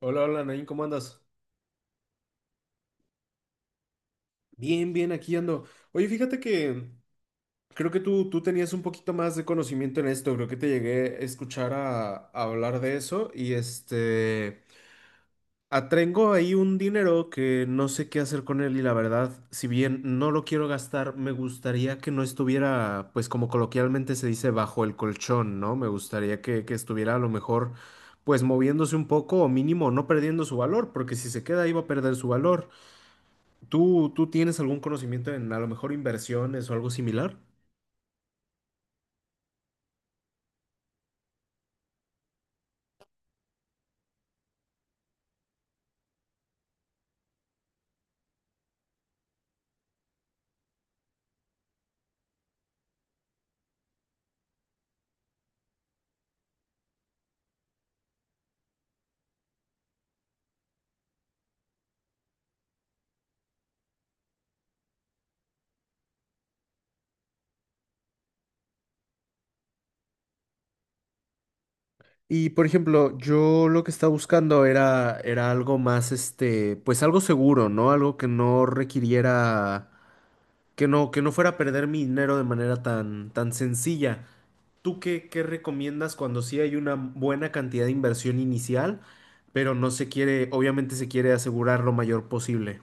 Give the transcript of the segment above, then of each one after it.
Hola, hola, Nain, ¿cómo andas? Bien, bien, aquí ando. Oye, fíjate que creo que tú tenías un poquito más de conocimiento en esto, creo que te llegué a escuchar a hablar de eso y este, atrengo ahí un dinero que no sé qué hacer con él y la verdad, si bien no lo quiero gastar, me gustaría que no estuviera, pues como coloquialmente se dice, bajo el colchón, ¿no? Me gustaría que estuviera a lo mejor, pues moviéndose un poco o mínimo no perdiendo su valor, porque si se queda ahí va a perder su valor. ¿Tú tienes algún conocimiento en a lo mejor inversiones o algo similar? Y por ejemplo, yo lo que estaba buscando era algo más, este, pues algo seguro, ¿no? Algo que no requiriera, que no fuera a perder mi dinero de manera tan sencilla. ¿Tú qué recomiendas cuando sí hay una buena cantidad de inversión inicial, pero no se quiere, obviamente se quiere asegurar lo mayor posible?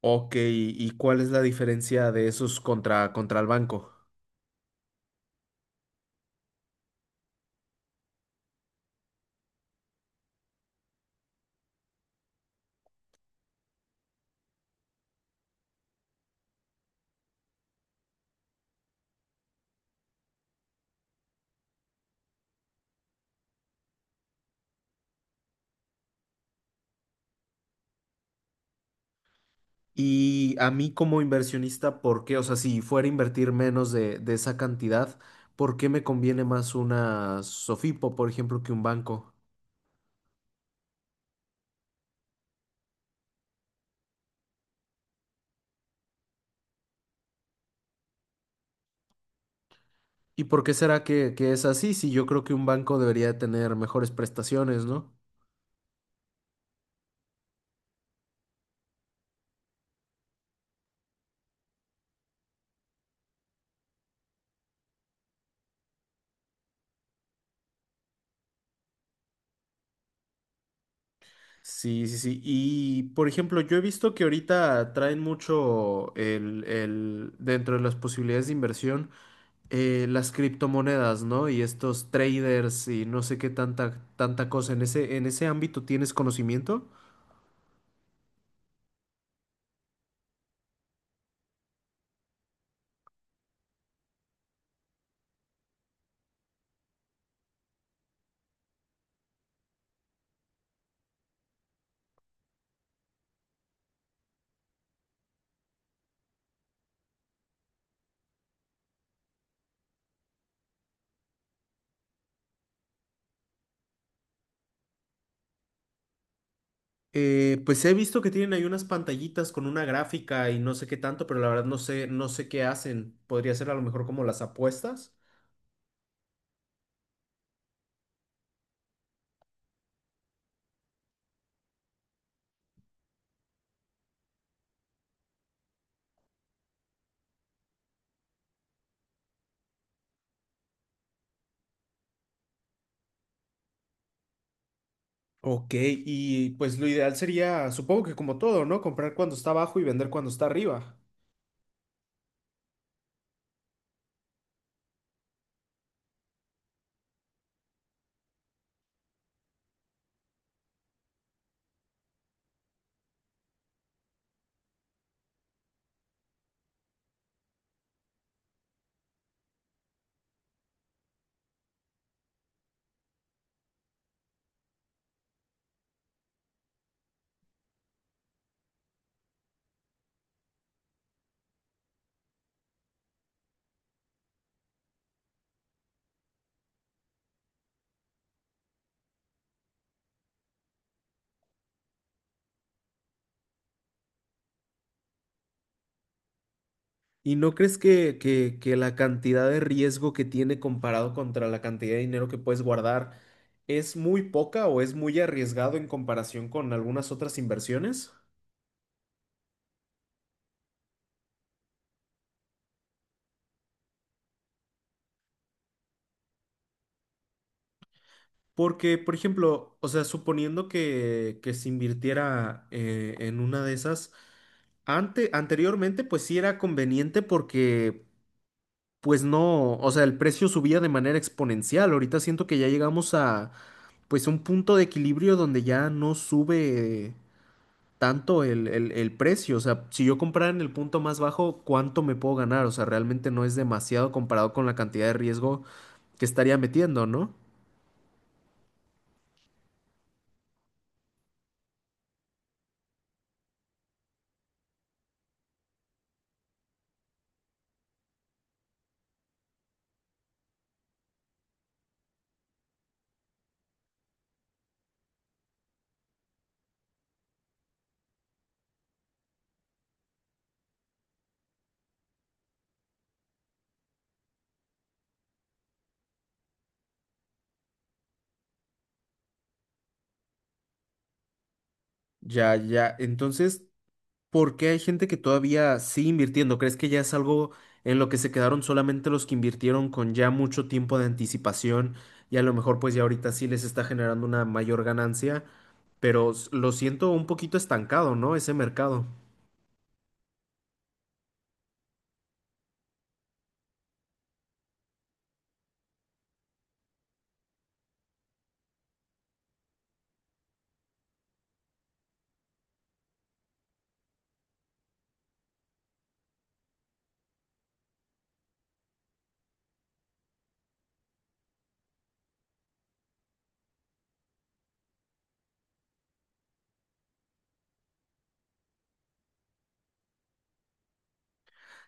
Ok, ¿y cuál es la diferencia de esos contra el banco? Y a mí como inversionista, ¿por qué? O sea, si fuera a invertir de esa cantidad, ¿por qué me conviene más una Sofipo, por ejemplo, que un banco? ¿Y por qué será que es así? Si yo creo que un banco debería de tener mejores prestaciones, ¿no? Sí, sí, sí. Y, por ejemplo, yo he visto que ahorita traen mucho dentro de las posibilidades de inversión, las criptomonedas, ¿no? Y estos traders y no sé qué tanta cosa. En ese ámbito tienes conocimiento? Pues he visto que tienen ahí unas pantallitas con una gráfica y no sé qué tanto, pero la verdad no sé qué hacen. Podría ser a lo mejor como las apuestas. Ok, y pues lo ideal sería, supongo que como todo, ¿no? Comprar cuando está abajo y vender cuando está arriba. ¿Y no crees que la cantidad de riesgo que tiene comparado contra la cantidad de dinero que puedes guardar es muy poca o es muy arriesgado en comparación con algunas otras inversiones? Porque, por ejemplo, o sea, suponiendo que se invirtiera en una de esas, anteriormente pues sí era conveniente porque pues no, o sea, el precio subía de manera exponencial. Ahorita siento que ya llegamos a pues un punto de equilibrio donde ya no sube tanto el precio. O sea, si yo comprara en el punto más bajo, ¿cuánto me puedo ganar? O sea, realmente no es demasiado comparado con la cantidad de riesgo que estaría metiendo, ¿no? Ya, ya. Entonces, ¿por qué hay gente que todavía sigue invirtiendo? ¿Crees que ya es algo en lo que se quedaron solamente los que invirtieron con ya mucho tiempo de anticipación y a lo mejor pues ya ahorita sí les está generando una mayor ganancia? Pero lo siento un poquito estancado, ¿no? Ese mercado.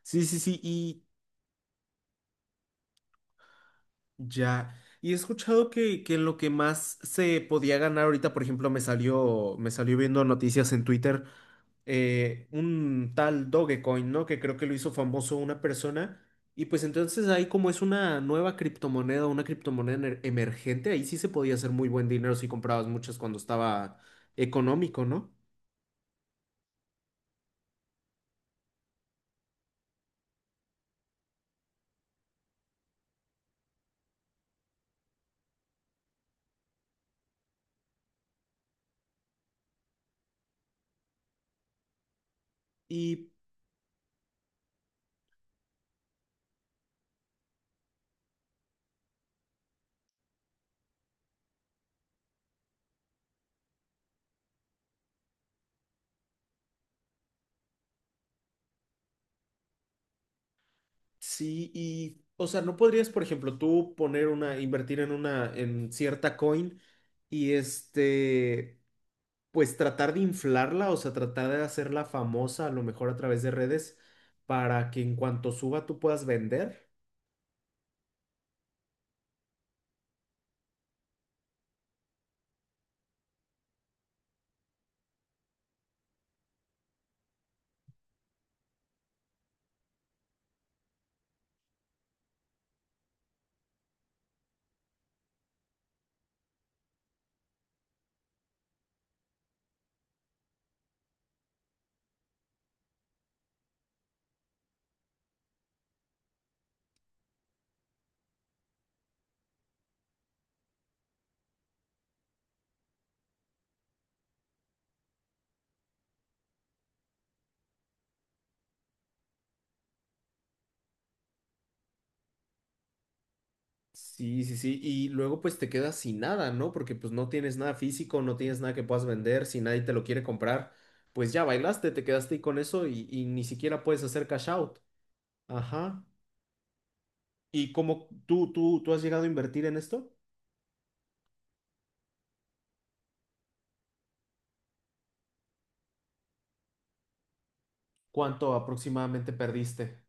Sí, sí, sí, y ya. Y he escuchado que en lo que más se podía ganar ahorita, por ejemplo, me salió viendo noticias en Twitter un tal Dogecoin, ¿no? Que creo que lo hizo famoso una persona. Y pues entonces ahí como es una nueva criptomoneda, una criptomoneda emergente, ahí sí se podía hacer muy buen dinero si comprabas muchas cuando estaba económico, ¿no? Y sí, y o sea, no podrías, por ejemplo, tú poner una, invertir en una, en cierta coin y este, pues tratar de inflarla, o sea, tratar de hacerla famosa a lo mejor a través de redes para que en cuanto suba tú puedas vender. Sí, sí, sí. Y luego pues te quedas sin nada, ¿no? Porque pues no tienes nada físico, no tienes nada que puedas vender, si nadie te lo quiere comprar, pues ya bailaste, te quedaste ahí con eso y ni siquiera puedes hacer cash out. Ajá. ¿Y cómo tú has llegado a invertir en esto? ¿Cuánto aproximadamente perdiste?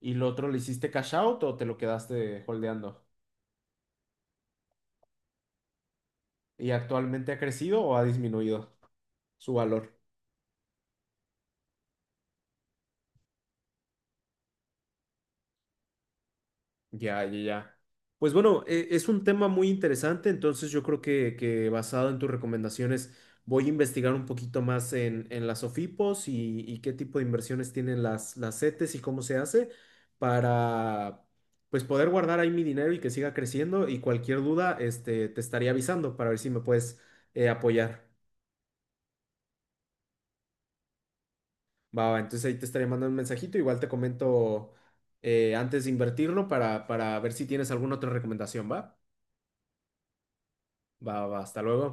¿Y lo otro le hiciste cash out o te lo quedaste holdeando? ¿Y actualmente ha crecido o ha disminuido su valor? Ya, ya, ya. Pues bueno, es un tema muy interesante, entonces yo creo que basado en tus recomendaciones voy a investigar un poquito más en las OFIPOS y qué tipo de inversiones tienen las CETES y cómo se hace para pues poder guardar ahí mi dinero y que siga creciendo y cualquier duda este, te estaría avisando para ver si me puedes apoyar. Va, va, entonces ahí te estaré mandando un mensajito, igual te comento antes de invertirlo para ver si tienes alguna otra recomendación, ¿va? Va, va, hasta luego.